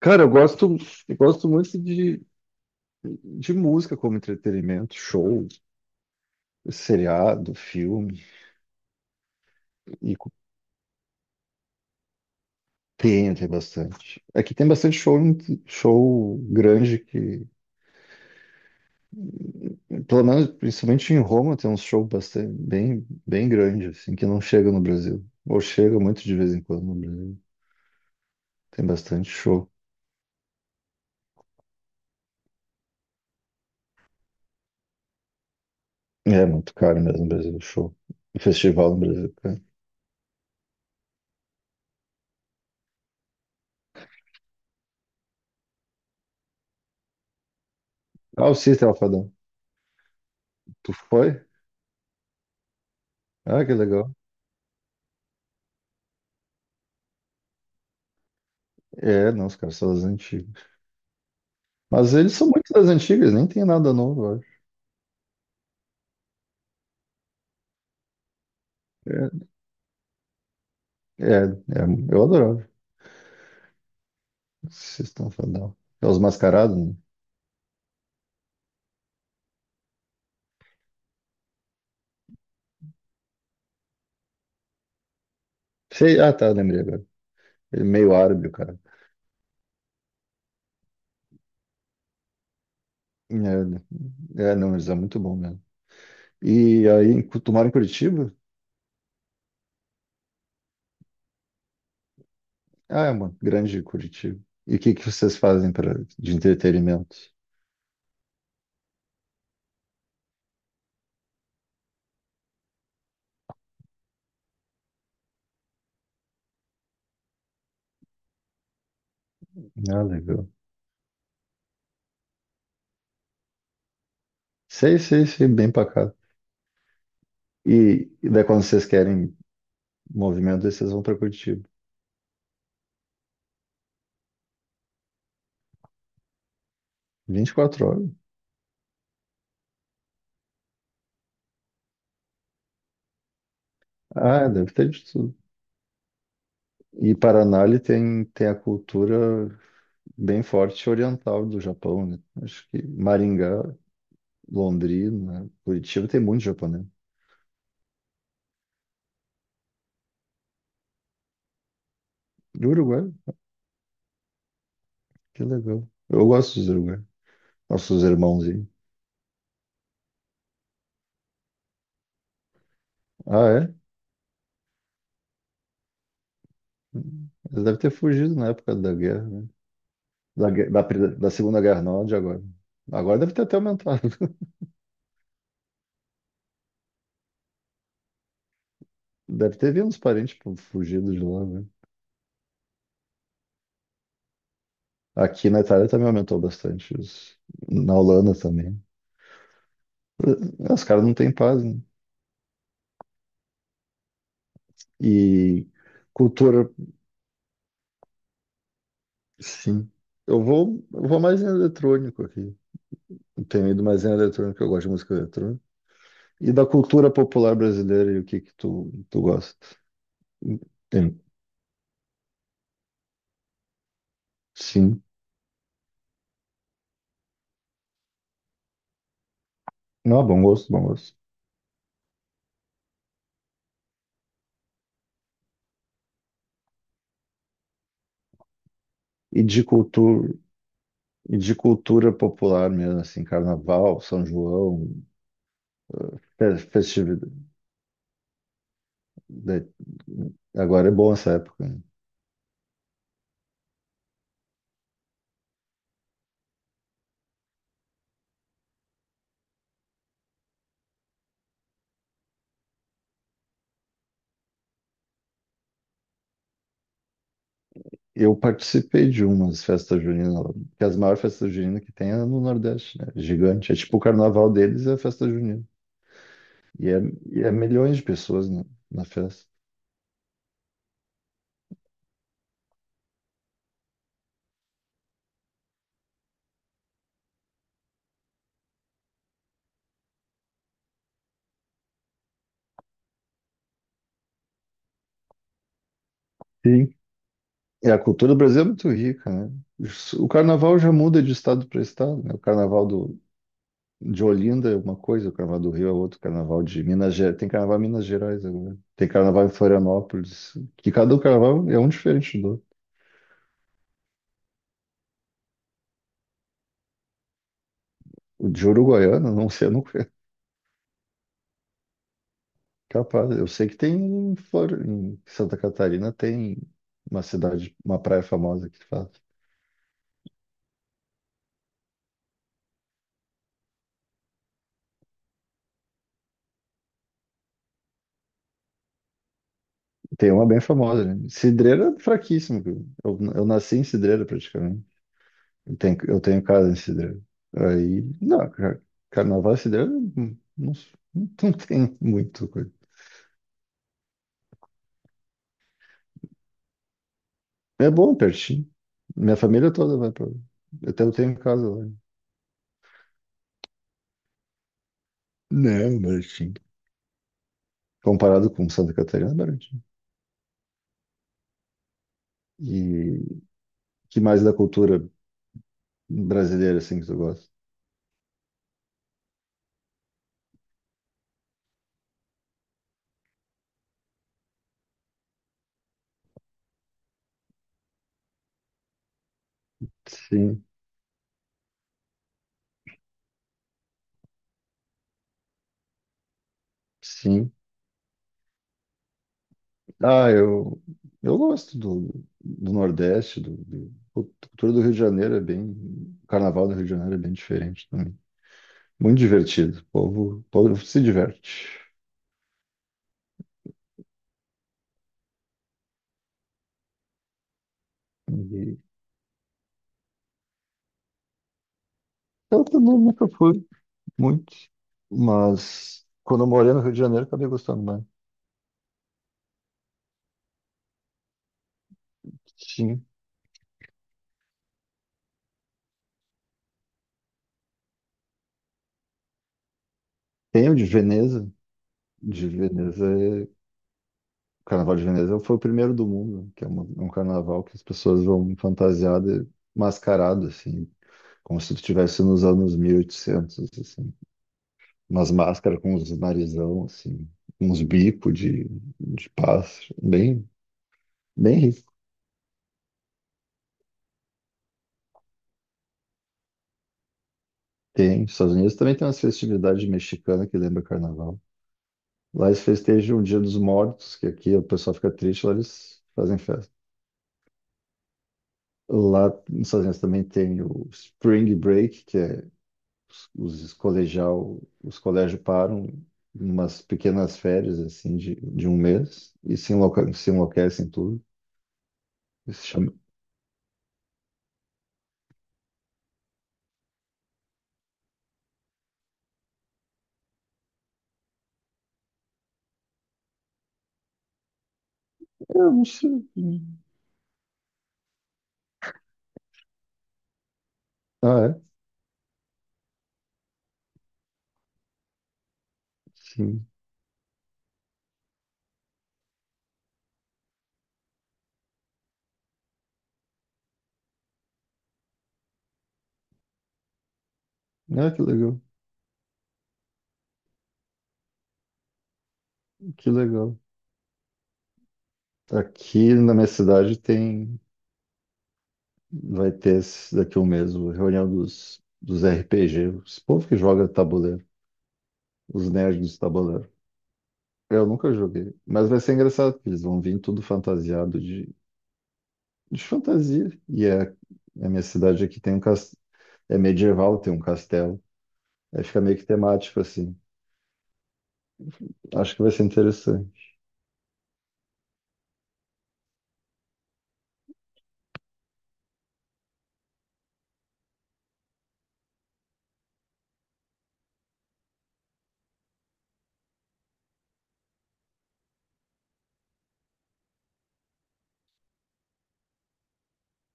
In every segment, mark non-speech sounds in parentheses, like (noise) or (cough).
Cara, eu gosto muito de música como entretenimento, show, seriado, filme, e tem bastante. Aqui tem bastante show, show grande que, pelo menos, principalmente em Roma, tem uns shows bastante, bem, bem grande, assim, que não chega no Brasil. Ou chega muito de vez em quando no Brasil. Tem bastante show. É muito caro mesmo no Brasil, show. Festival no Brasil, cara. Ah, o System Alfadão. Tu foi? Ah, que legal. É, não, os caras são as antigas. Mas eles são muito das antigas, nem tem nada novo, eu acho. É, é, é, eu adorava. Vocês estão falando. É os mascarados, né? Sei, ah, tá, lembrei agora. Ele é meio árabe, o cara. É, é, não, eles é muito bom mesmo. E aí, tu mora em Curitiba? Ah, é uma grande Curitiba. E o que que vocês fazem de entretenimento? Ah, legal. Sei, sei, sei, bem pacato. E daí quando vocês querem movimento, daí vocês vão pra Curitiba. 24 horas. Ah, deve ter de tudo. E Paraná ele tem a cultura bem forte oriental do Japão, né? Acho que Maringá, Londrina, né? Curitiba tem muito japonês. E Uruguai, que legal. Eu gosto dos Uruguai, nossos irmãozinhos. Ah, é? Eles devem ter fugido na época da guerra, né? Da Segunda Guerra, não, de agora. Agora deve ter até aumentado. (laughs) Deve ter vindo uns parentes tipo, fugidos de lá, né? Aqui na Itália também aumentou bastante. Na Holanda também. Ah, os caras não têm paz, né? E cultura, sim. Eu vou mais em eletrônico aqui. Eu tenho ido mais em eletrônico, eu gosto de música eletrônica. E da cultura popular brasileira e o que que tu gosta? Tem. Sim. Não, bom gosto, bom gosto. E de cultura, e de cultura popular mesmo, assim, carnaval, São João, festividade. Agora é bom essa época, né? Eu participei de umas festas juninas, que é as maiores festas juninas que tem é no Nordeste, né? Gigante. É tipo o carnaval deles é a festa junina. E é, e é milhões de pessoas na festa. Sim. E a cultura do Brasil é muito rica, né? O carnaval já muda de estado para estado, né? O carnaval de Olinda é uma coisa, o carnaval do Rio é outro, o carnaval de Minas Gerais. Tem carnaval em Minas Gerais agora. Tem carnaval em Florianópolis, que cada carnaval é um diferente do outro. O de Uruguaiana, não sei, eu não. Capaz, eu sei que tem em Santa Catarina tem uma cidade, uma praia famosa que faz. Tem uma bem famosa, né? Cidreira é fraquíssimo, cara. Eu nasci em Cidreira praticamente. Eu tenho casa em Cidreira. Aí, não, carnaval em Cidreira não, não, (laughs) não tem muito coisa. É bom, pertinho. Minha família toda vai pra lá. Até eu tenho casa lá. Não, baratinho. Comparado com Santa Catarina, é baratinho. E que mais da cultura brasileira, assim, que tu gosta? Sim, sim. Ah, eu gosto do Nordeste. A cultura do Rio de Janeiro é bem. O Carnaval do Rio de Janeiro é bem diferente também. Muito divertido, o povo se diverte. E eu também nunca fui muito, mas quando eu morei no Rio de Janeiro acabei gostando mais. Sim. Tem o de Veneza é... O Carnaval de Veneza foi o primeiro do mundo, que é um carnaval que as pessoas vão fantasiadas, mascaradas, assim, como se tu estivesse nos anos 1800 assim. Umas máscaras com uns narizão, assim. Uns bicos de pássaro. Bem, bem rico. Tem. Nos Estados Unidos também tem umas festividades mexicanas que lembra carnaval. Lá eles festejam o Dia dos Mortos, que aqui o pessoal fica triste, lá eles fazem festa. Lá nos Estados Unidos também tem o Spring Break, que é os, os colégios param em umas pequenas férias assim de um mês e se enlouquecem tudo. Esse chama... Eu não sei. Ah, é? Sim. Ah, que legal. Que legal. Aqui na minha cidade tem. Vai ter daqui a um mês a reunião dos RPG, esse povo que joga tabuleiro, os nerds do tabuleiro. Eu nunca joguei, mas vai ser engraçado, porque eles vão vir tudo fantasiado de fantasia. E é, a minha cidade aqui tem um castelo, é medieval, tem um castelo. Aí fica meio que temático assim. Acho que vai ser interessante.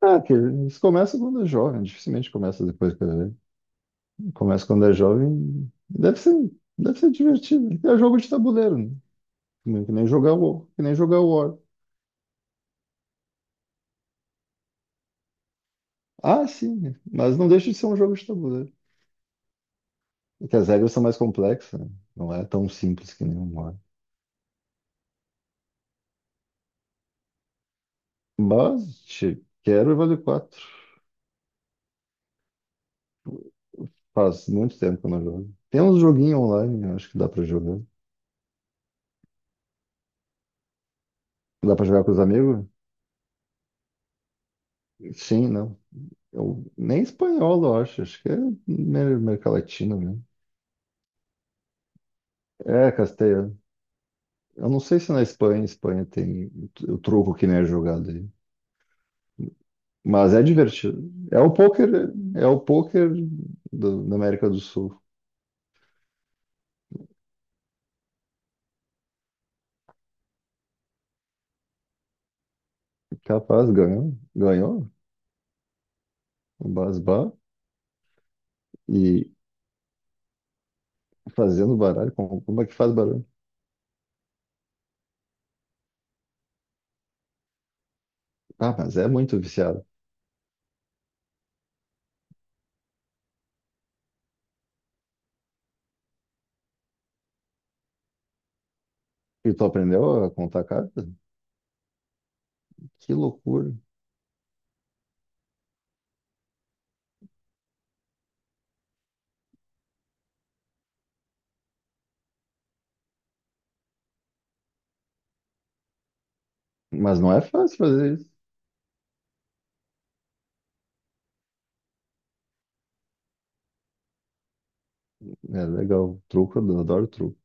Ah, que eles começam quando é jovem, dificilmente começa depois que é velho. Começa quando é jovem. Deve ser divertido. É jogo de tabuleiro, né? Que nem jogar o War. Ah, sim, mas não deixa de ser um jogo de tabuleiro. É que as regras são mais complexas, né? Não é tão simples que nem um War. Mas, quero e vale quatro. Faz muito tempo que eu não jogo. Tem uns joguinhos online, eu acho que dá pra jogar. Dá pra jogar com os amigos? Sim, não. Eu, nem espanhol, eu acho. Acho que é América Latina mesmo. É, Castelha. Eu não sei se na Espanha, tem o truco que nem é jogado aí. Mas é divertido. É o pôquer, é o pôquer da América do Sul. Capaz, ganhou o Basbá e fazendo baralho. Como é que faz baralho? Ah, mas é muito viciado. E tu aprendeu a contar carta? Que loucura. Mas não é fácil fazer isso. É legal. Truco, eu adoro truco.